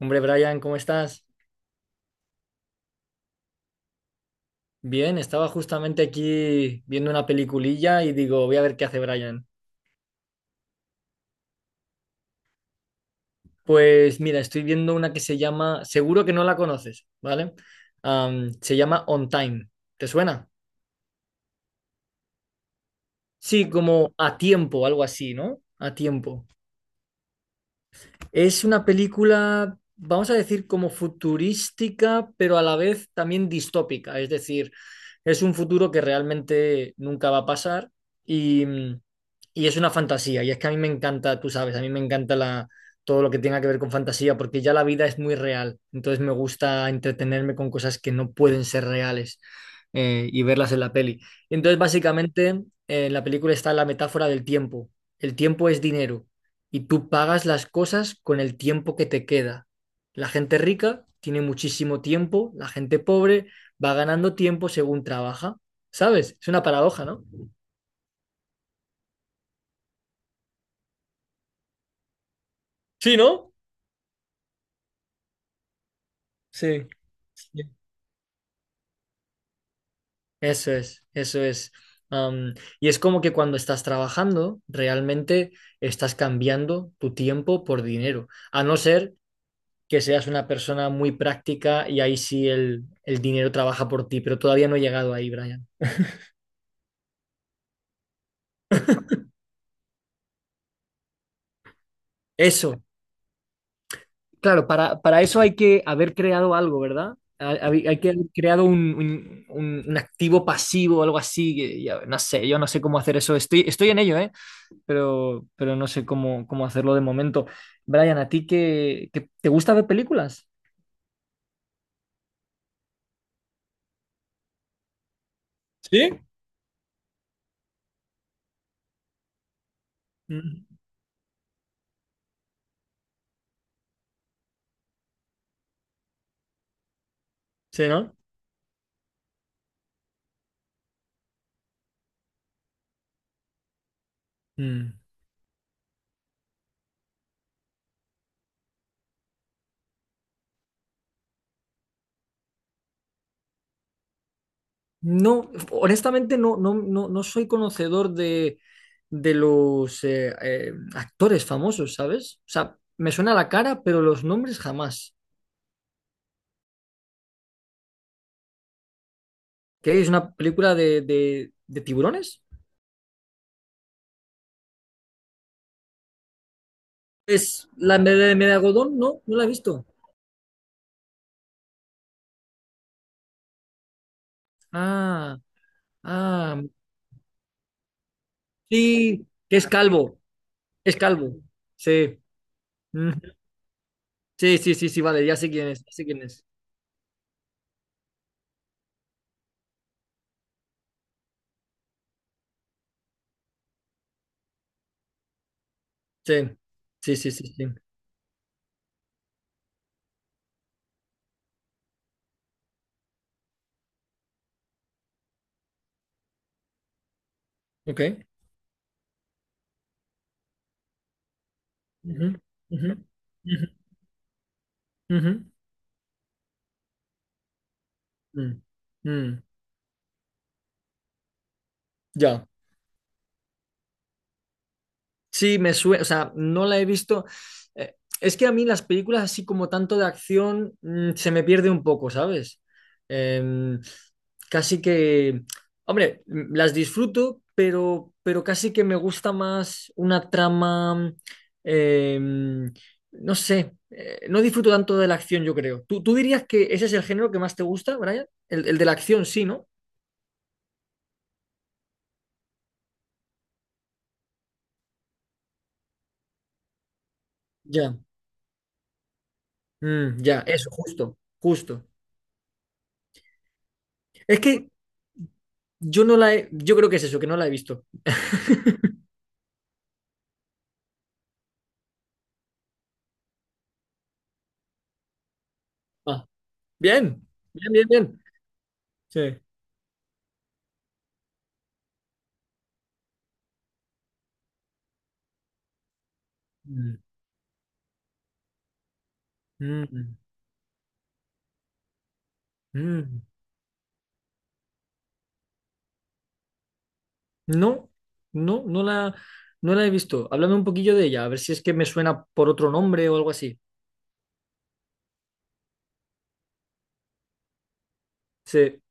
Hombre, Brian, ¿cómo estás? Bien, estaba justamente aquí viendo una peliculilla y digo, voy a ver qué hace Brian. Pues mira, estoy viendo una que se llama, seguro que no la conoces, ¿vale? Se llama On Time. ¿Te suena? Sí, como a tiempo, algo así, ¿no? A tiempo. Es una película, vamos a decir, como futurística, pero a la vez también distópica. Es decir, es un futuro que realmente nunca va a pasar y, y es una fantasía. Y es que a mí me encanta, tú sabes, a mí me encanta todo lo que tenga que ver con fantasía, porque ya la vida es muy real. Entonces me gusta entretenerme con cosas que no pueden ser reales y verlas en la peli. Entonces, básicamente, en la película está la metáfora del tiempo. El tiempo es dinero y tú pagas las cosas con el tiempo que te queda. La gente rica tiene muchísimo tiempo, la gente pobre va ganando tiempo según trabaja. ¿Sabes? Es una paradoja, ¿no? Sí, ¿no? Sí. Sí. Eso es, eso es. Am, y es como que cuando estás trabajando, realmente estás cambiando tu tiempo por dinero, a no ser que seas una persona muy práctica y ahí sí el dinero trabaja por ti, pero todavía no he llegado ahí, Brian. Eso. Claro, para eso hay que haber creado algo, ¿verdad? Hay que haber creado un activo pasivo algo así. No sé, yo no sé cómo hacer eso. Estoy en ello, ¿eh? Pero no sé cómo hacerlo de momento. Brian, ¿a ti te gusta ver películas? ¿Sí? Mm. Sí, ¿no? Mm. No, honestamente no, no, no, no soy conocedor de los actores famosos, ¿sabes? O sea, me suena la cara, pero los nombres jamás. ¿Qué es una película de tiburones? Es la de Megalodón, no, no la he visto. Ah, ah, sí, que es calvo, es calvo. Sí. Mm. Sí, sí, sí, sí, vale, ya sé quién es, ya sé quién es. Sí, sí, sí, sí, sí. Ok. Ujú, ujú, ujú, ujú. Mm, mm. Ya. Sí, me suena, o sea, no la he visto. Eh, es que a mí las películas así como tanto de acción se me pierde un poco, ¿sabes? Em, Casi que, hombre, las disfruto, pero casi que me gusta más una trama, em, no sé, no disfruto tanto de la acción, yo creo. ¿Tú, tú dirías que ese es el género que más te gusta, Brian? El de la acción, sí, ¿no? Ya. Mm, ya, eso, justo, justo. Es que yo no la he, yo creo que es eso, que no la he visto. Ah, bien, bien, bien, bien. Sí. Mm, mm, mm. No, no, no la, no la he visto. Háblame un poquillo de ella, a ver si es que me suena por otro nombre o algo así. Sí.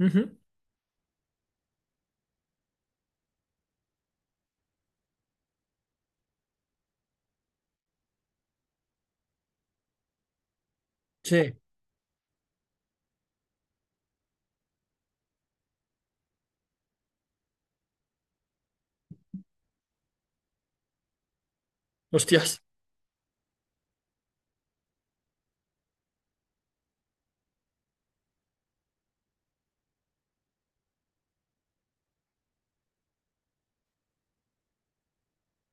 Ujú. Sí. Hostias,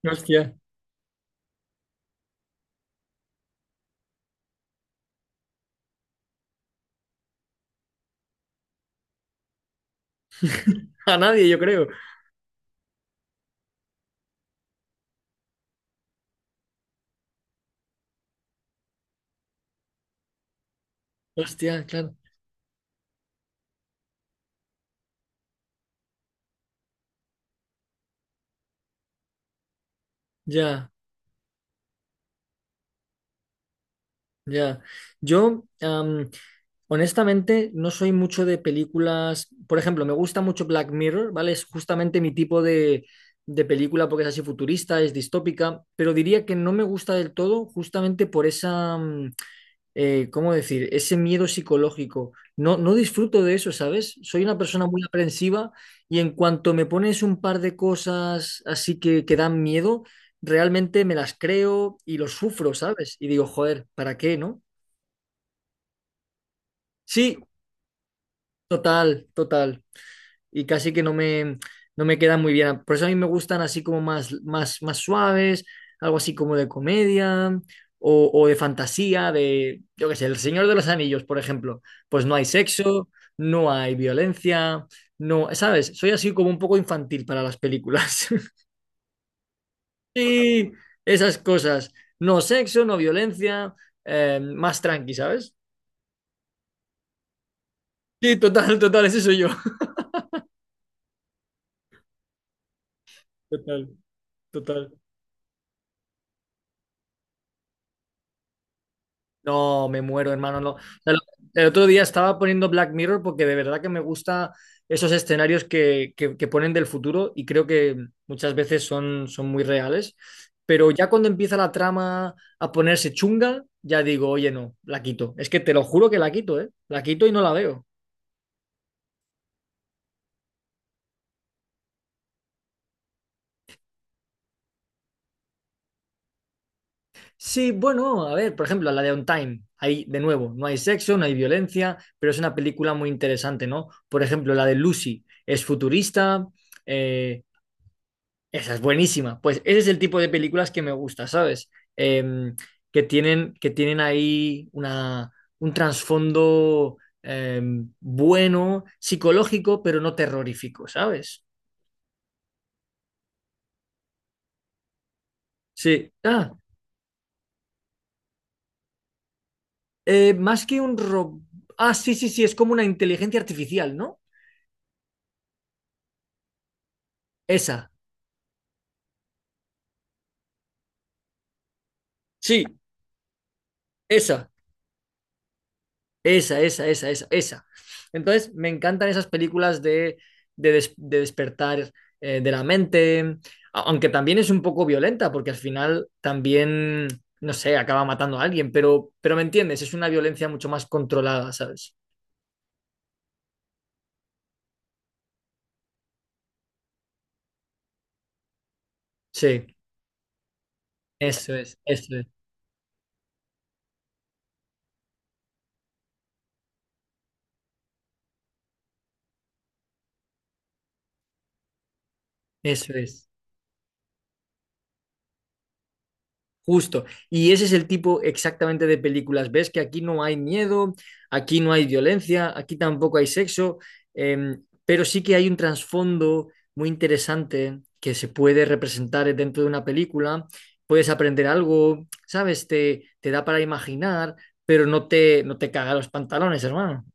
hostia. A nadie, yo creo. Hostia, claro. Ya, ya. Yo, honestamente, no soy mucho de películas. Por ejemplo, me gusta mucho Black Mirror, ¿vale? Es justamente mi tipo de película porque es así futurista, es distópica, pero diría que no me gusta del todo justamente por esa, ¿cómo decir? Ese miedo psicológico. No, no disfruto de eso, ¿sabes? Soy una persona muy aprensiva y en cuanto me pones un par de cosas así que dan miedo, realmente me las creo y lo sufro, ¿sabes? Y digo, joder, ¿para qué, no? Sí, total, total. Y casi que no me, no me quedan muy bien. Por eso a mí me gustan así como más, más, más suaves, algo así como de comedia o de fantasía, de, yo qué sé, El Señor de los Anillos, por ejemplo. Pues no hay sexo, no hay violencia, no, ¿sabes? Soy así como un poco infantil para las películas. Sí, esas cosas. No sexo, no violencia, más tranqui, ¿sabes? Sí, total, total, ese soy yo. Total, total. No, me muero, hermano. No. O sea, el otro día estaba poniendo Black Mirror porque de verdad que me gusta esos escenarios que, que ponen del futuro y creo que muchas veces son, son muy reales. Pero ya cuando empieza la trama a ponerse chunga, ya digo, oye, no, la quito. Es que te lo juro que la quito, ¿eh? La quito y no la veo. Sí, bueno, a ver, por ejemplo, la de On Time. Ahí, de nuevo, no hay sexo, no hay violencia, pero es una película muy interesante, ¿no? Por ejemplo, la de Lucy es futurista. eh, Esa es buenísima. Pues ese es el tipo de películas que me gusta, ¿sabes? Em, que tienen, que tienen ahí una, un trasfondo bueno, psicológico, pero no terrorífico, ¿sabes? Sí. Ah, más que un ro- ah, sí, sí, sí, es como una inteligencia artificial, ¿no? Esa. Sí, esa. Esa, esa, esa, esa, esa. Entonces, me encantan esas películas de, de despertar de la mente, aunque también es un poco violenta, porque al final también, no sé, acaba matando a alguien, pero me entiendes, es una violencia mucho más controlada, ¿sabes? Sí, eso es, eso es, eso es. Justo. Y ese es el tipo exactamente de películas. Ves que aquí no hay miedo, aquí no hay violencia, aquí tampoco hay sexo, eh, pero sí que hay un trasfondo muy interesante que se puede representar dentro de una película. Puedes aprender algo, ¿sabes? Te da para imaginar, pero no te, no te caga los pantalones, hermano.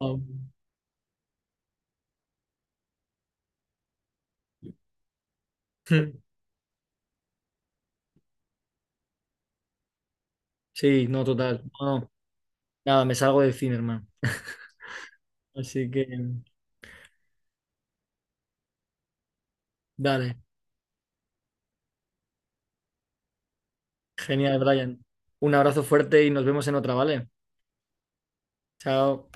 Oh. Sí, no, total. No, no. Nada, me salgo del cine, hermano. Así que, dale. Genial, Brian. Un abrazo fuerte y nos vemos en otra, ¿vale? Chao.